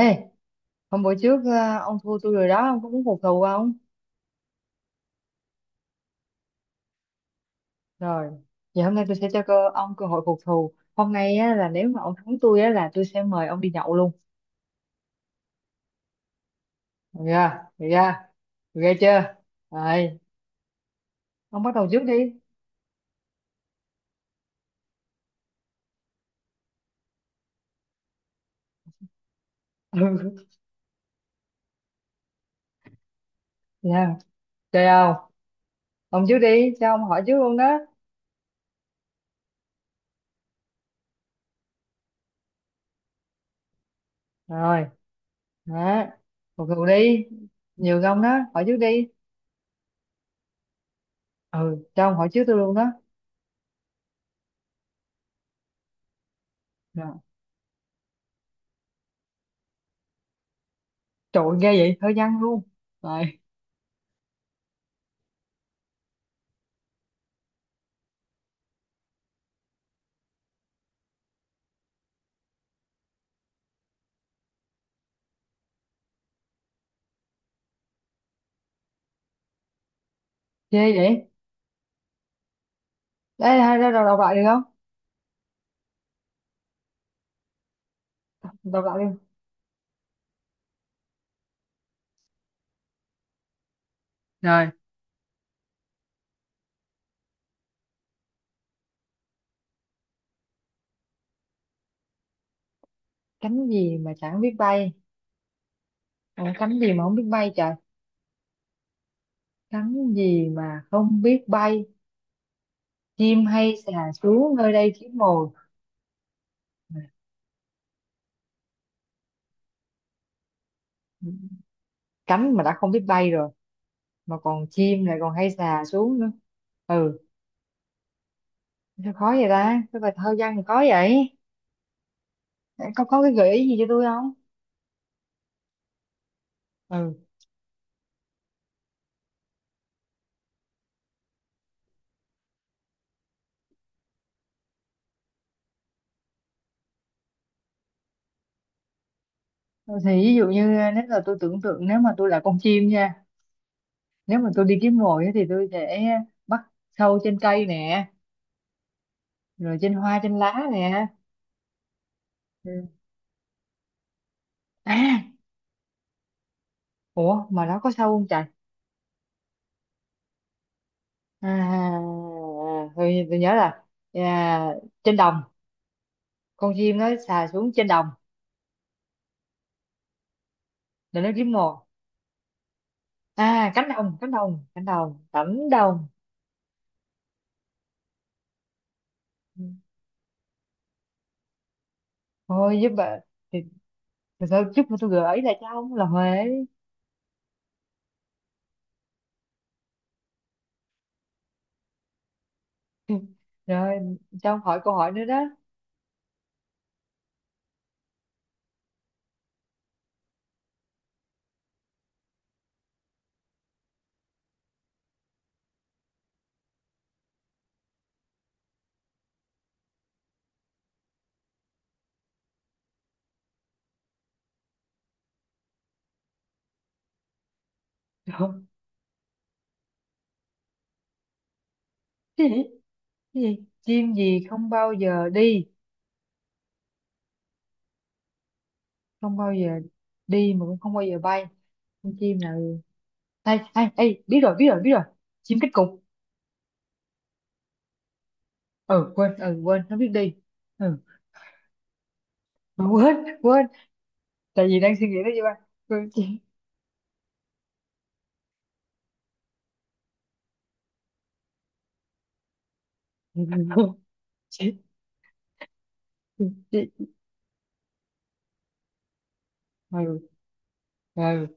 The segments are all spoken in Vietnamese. Ê, hôm bữa trước ông thua tôi rồi đó, ông có muốn phục thù không? Rồi, vậy hôm nay tôi sẽ cho ông cơ hội phục thù. Hôm nay á, là nếu mà ông thắng tôi á, là tôi sẽ mời ông đi nhậu luôn. Được chưa? Được chưa? Được ghê chưa? Rồi, ông bắt đầu trước đi. Ừ, nha. Chơi không? Ông trước đi, cho ông hỏi trước luôn đó. Rồi, đó. Phục thù đi. Nhiều ông đó, hỏi trước đi. Ừ, cho ông hỏi trước tôi luôn đó. Rồi. Trời ơi, ghê vậy, hơi nhăn luôn. Rồi, ghê vậy. Ê, hai ra đầu đọc lại được không? Đọc lại đi, rồi cánh gì mà chẳng biết bay. Ủa, cánh gì mà không biết bay trời, cánh gì mà không biết bay, chim hay xà xuống nơi đây kiếm mồi. Cánh mà đã không biết bay rồi mà còn chim lại còn hay xà xuống nữa. Ừ, sao khó vậy ta, cái bài thơ văn thì khó vậy, có cái gợi ý gì cho tôi không? Ừ, thì ví dụ như, nếu là tôi tưởng tượng nếu mà tôi là con chim nha, nếu mà tôi đi kiếm mồi á thì tôi sẽ bắt sâu trên cây nè, rồi trên hoa trên lá nè. Ừ. À, ủa mà nó có sâu không trời? À, tôi nhớ là, à, trên đồng, con chim nó xà xuống trên đồng để nó kiếm mồi. À, cánh đồng, cánh đồng, cánh đồng, cánh đồng. Thôi giúp bà, thì, thì thôi giúp tôi gợi ý lại cho ông là Huế. Rồi, cho ông hỏi câu hỏi nữa đó. Rồi, cái gì, cái gì, chim gì không bao giờ đi, không bao giờ đi mà cũng không bao giờ bay, con chim nào? Ê, ê, ê, biết rồi, biết rồi, biết rồi, chim cánh cụt. Ờ quên, ờ quên, nó biết đi. Ừ, mà quên, quên, tại vì đang suy nghĩ tới gì ba, quên chị. Chị, chị. Ừ, ừ.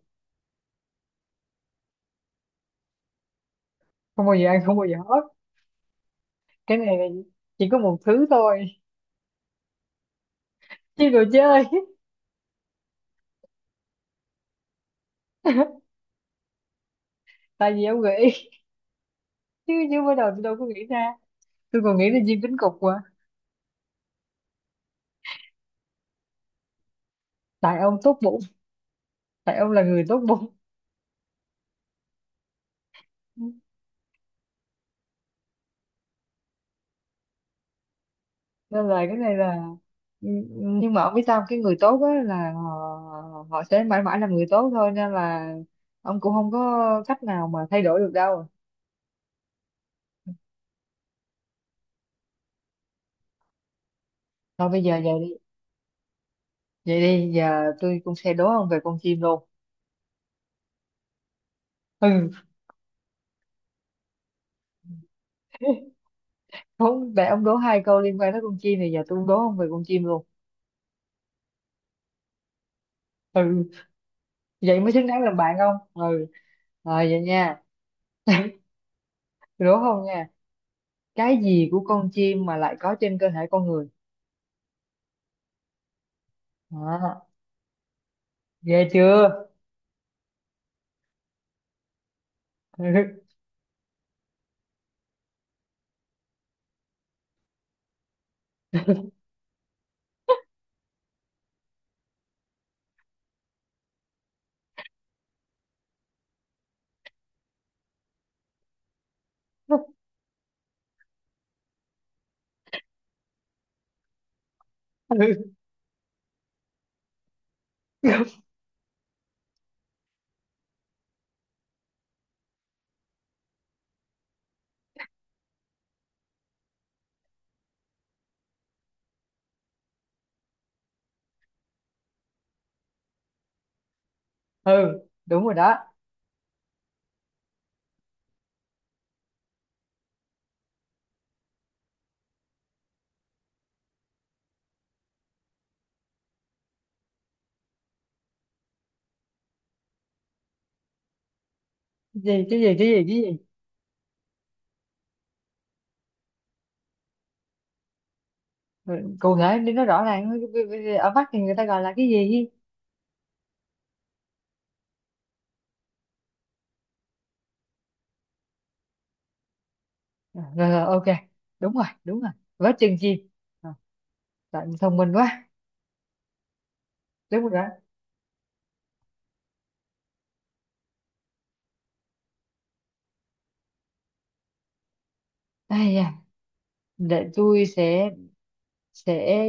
Không bao giờ ăn, không bao giờ hết. Cái này là chỉ có một thứ thôi, chứ đồ chơi. Tại vì ông nghĩ, chứ chứ mới đầu tôi đâu có nghĩ ra, tôi còn nghĩ là chim cánh cụt mà. Tại ông tốt bụng, tại ông là người tốt bụng nên là cái này là, ừ, ừ, nhưng mà ông biết sao không? Cái người tốt á là họ, họ sẽ mãi mãi làm người tốt thôi, nên là ông cũng không có cách nào mà thay đổi được đâu. Thôi bây giờ vậy đi, vậy đi, giờ tôi cũng sẽ đố ông về con chim luôn. Ừ. Không, để ông đố hai câu liên quan tới con chim thì giờ tôi đố ông về con chim luôn. Ừ, vậy mới xứng đáng làm bạn không? Ừ, rồi vậy nha. Tôi đố không nha, cái gì của con chim mà lại có trên cơ thể con người? À, ghê chưa? Ừ. Ừ, đúng rồi đó. Cái gì, cái gì, cái gì, cái gì? Ừ, cụ thể đi nó rõ ràng. Ở Bắc thì người ta gọi là cái gì ý? Rồi, rồi, ok, đúng rồi, đúng rồi, vớ chừng gì. Rồi, bạn thông minh quá, đúng rồi đó. Ây da, để tôi sẽ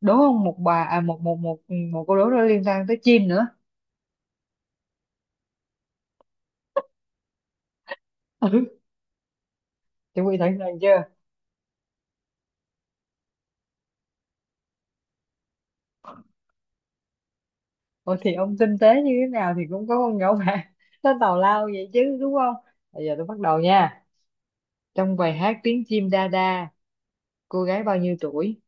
đố ông một bà, à, một một câu đố nó liên quan tới chim nữa. Ừ, chuẩn bị sẵn sàng chưa? Ủa thì ông tinh tế như thế nào thì cũng có con nhỏ bạn nó tào lao vậy chứ đúng không? Bây giờ tôi bắt đầu nha. Trong bài hát tiếng chim đa đa, cô gái bao nhiêu tuổi?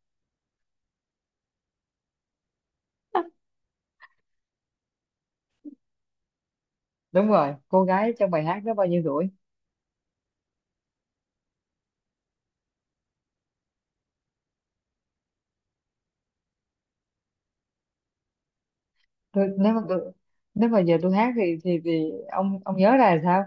Đúng rồi, cô gái trong bài hát đó bao nhiêu tuổi? tôi nếu mà tôi, Nếu mà giờ tôi hát thì ông nhớ ra là sao?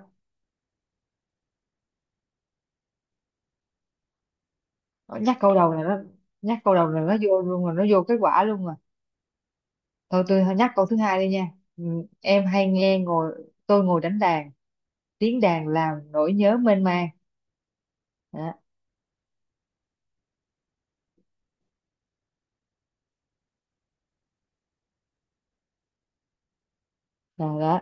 Nó nhắc câu đầu là nó, nhắc câu đầu là nó vô luôn, là nó vô kết quả luôn rồi. Thôi tôi nhắc câu thứ hai đi nha. Ừ, em hay nghe ngồi tôi ngồi đánh đàn, tiếng đàn làm nỗi nhớ mênh mang. đó, đó.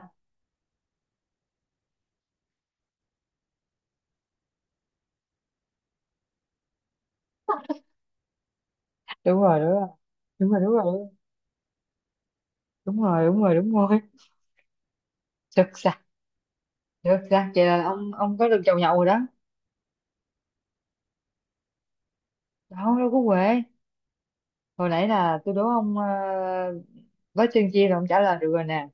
Đúng rồi, đúng rồi, đúng rồi, đúng rồi, đúng rồi, đúng rồi, đúng rồi. Sực sặc, sực sặc, vậy là ông có được chầu nhậu rồi đó. Đó đâu có quê. Hồi nãy là tôi đố ông, với chương chia là ông trả lời được rồi nè.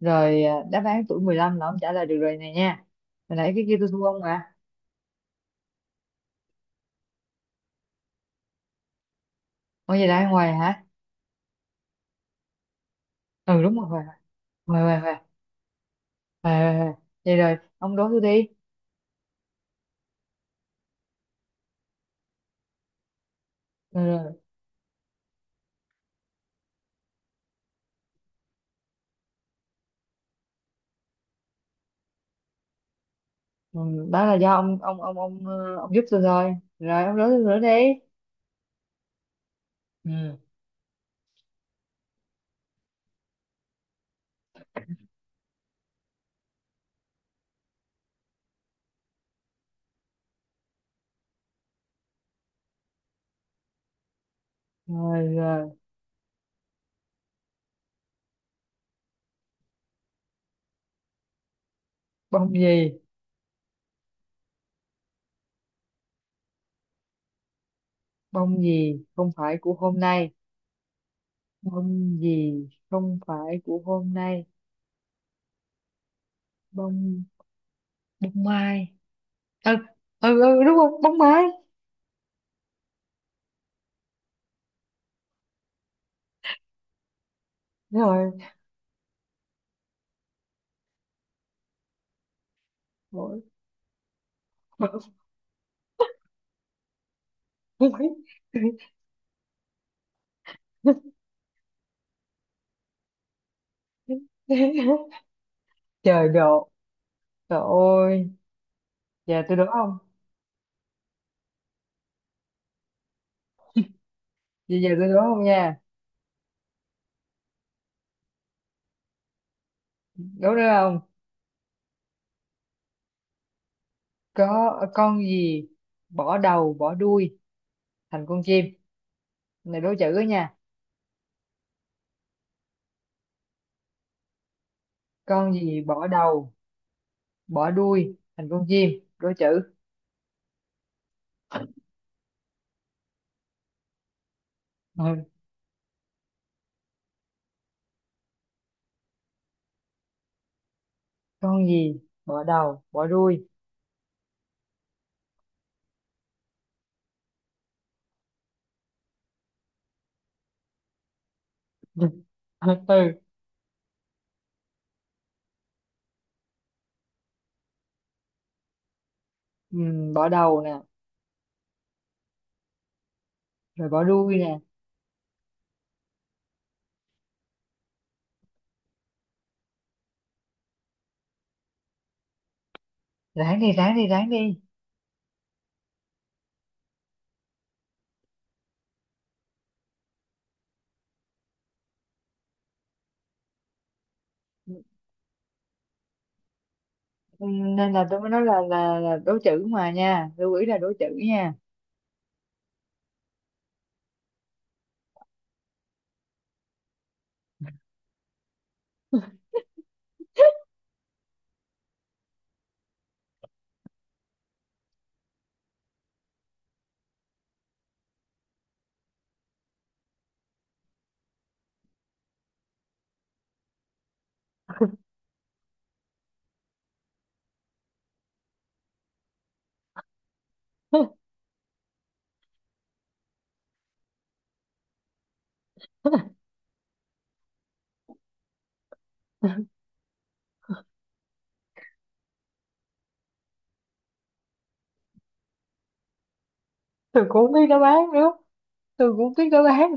Rồi đáp án tuổi 15 là ông trả lời được rồi này nha. Hồi nãy cái kia tôi thua ông à. Ông gì đây ngoài hả? Ừ đúng rồi, hoài hoài hoài hoài, hoài hoài. Hoài vậy rồi ông đố tôi đi. Ừ, rồi. Ừ, đó là do ông ông giúp tôi thôi. Rồi ông đố tôi nữa đi. Ừ. Rồi, rồi bông gì, bông gì không phải của hôm nay, bông gì không phải của hôm nay, bông, bông mai. Ừ, ừ, ừ đúng rồi, bóng máy. Rồi. Rồi. Bóng máy. Trời độ, trời ơi. Giờ tôi đố không, giờ giờ tôi đố không nha, đố được không? Có con gì bỏ đầu bỏ đuôi thành con chim? Này đố chữ đó nha. Con gì bỏ đầu bỏ đuôi thành con chim? Đố chữ. Ừ. Con gì bỏ đầu bỏ đuôi? Ừ. Ừ. Bỏ đầu nè, rồi bỏ đuôi nè. Ráng đi, ráng đi, ráng đi. Ừ, nên là tôi mới nói là là đố chữ mà nha, lưu ý là đố chữ nha. Tôi cũng không biết đáp án nữa, tôi cũng không biết đáp án,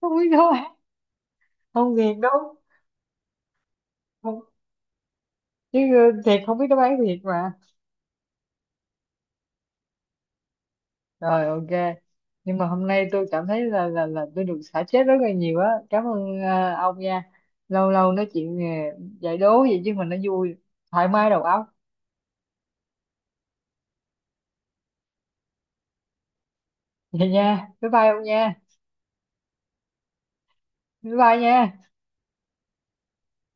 không biết đáp án, không thiệt đâu, không, chứ thiệt không biết đáp án thiệt mà. Rồi ok, nhưng mà hôm nay tôi cảm thấy là tôi được xả stress rất là nhiều á, cảm ơn ông nha. Lâu lâu nói chuyện, giải đố vậy chứ mình nó vui, thoải mái đầu óc. Vậy nha, bye bye ông nha, bye bye nha.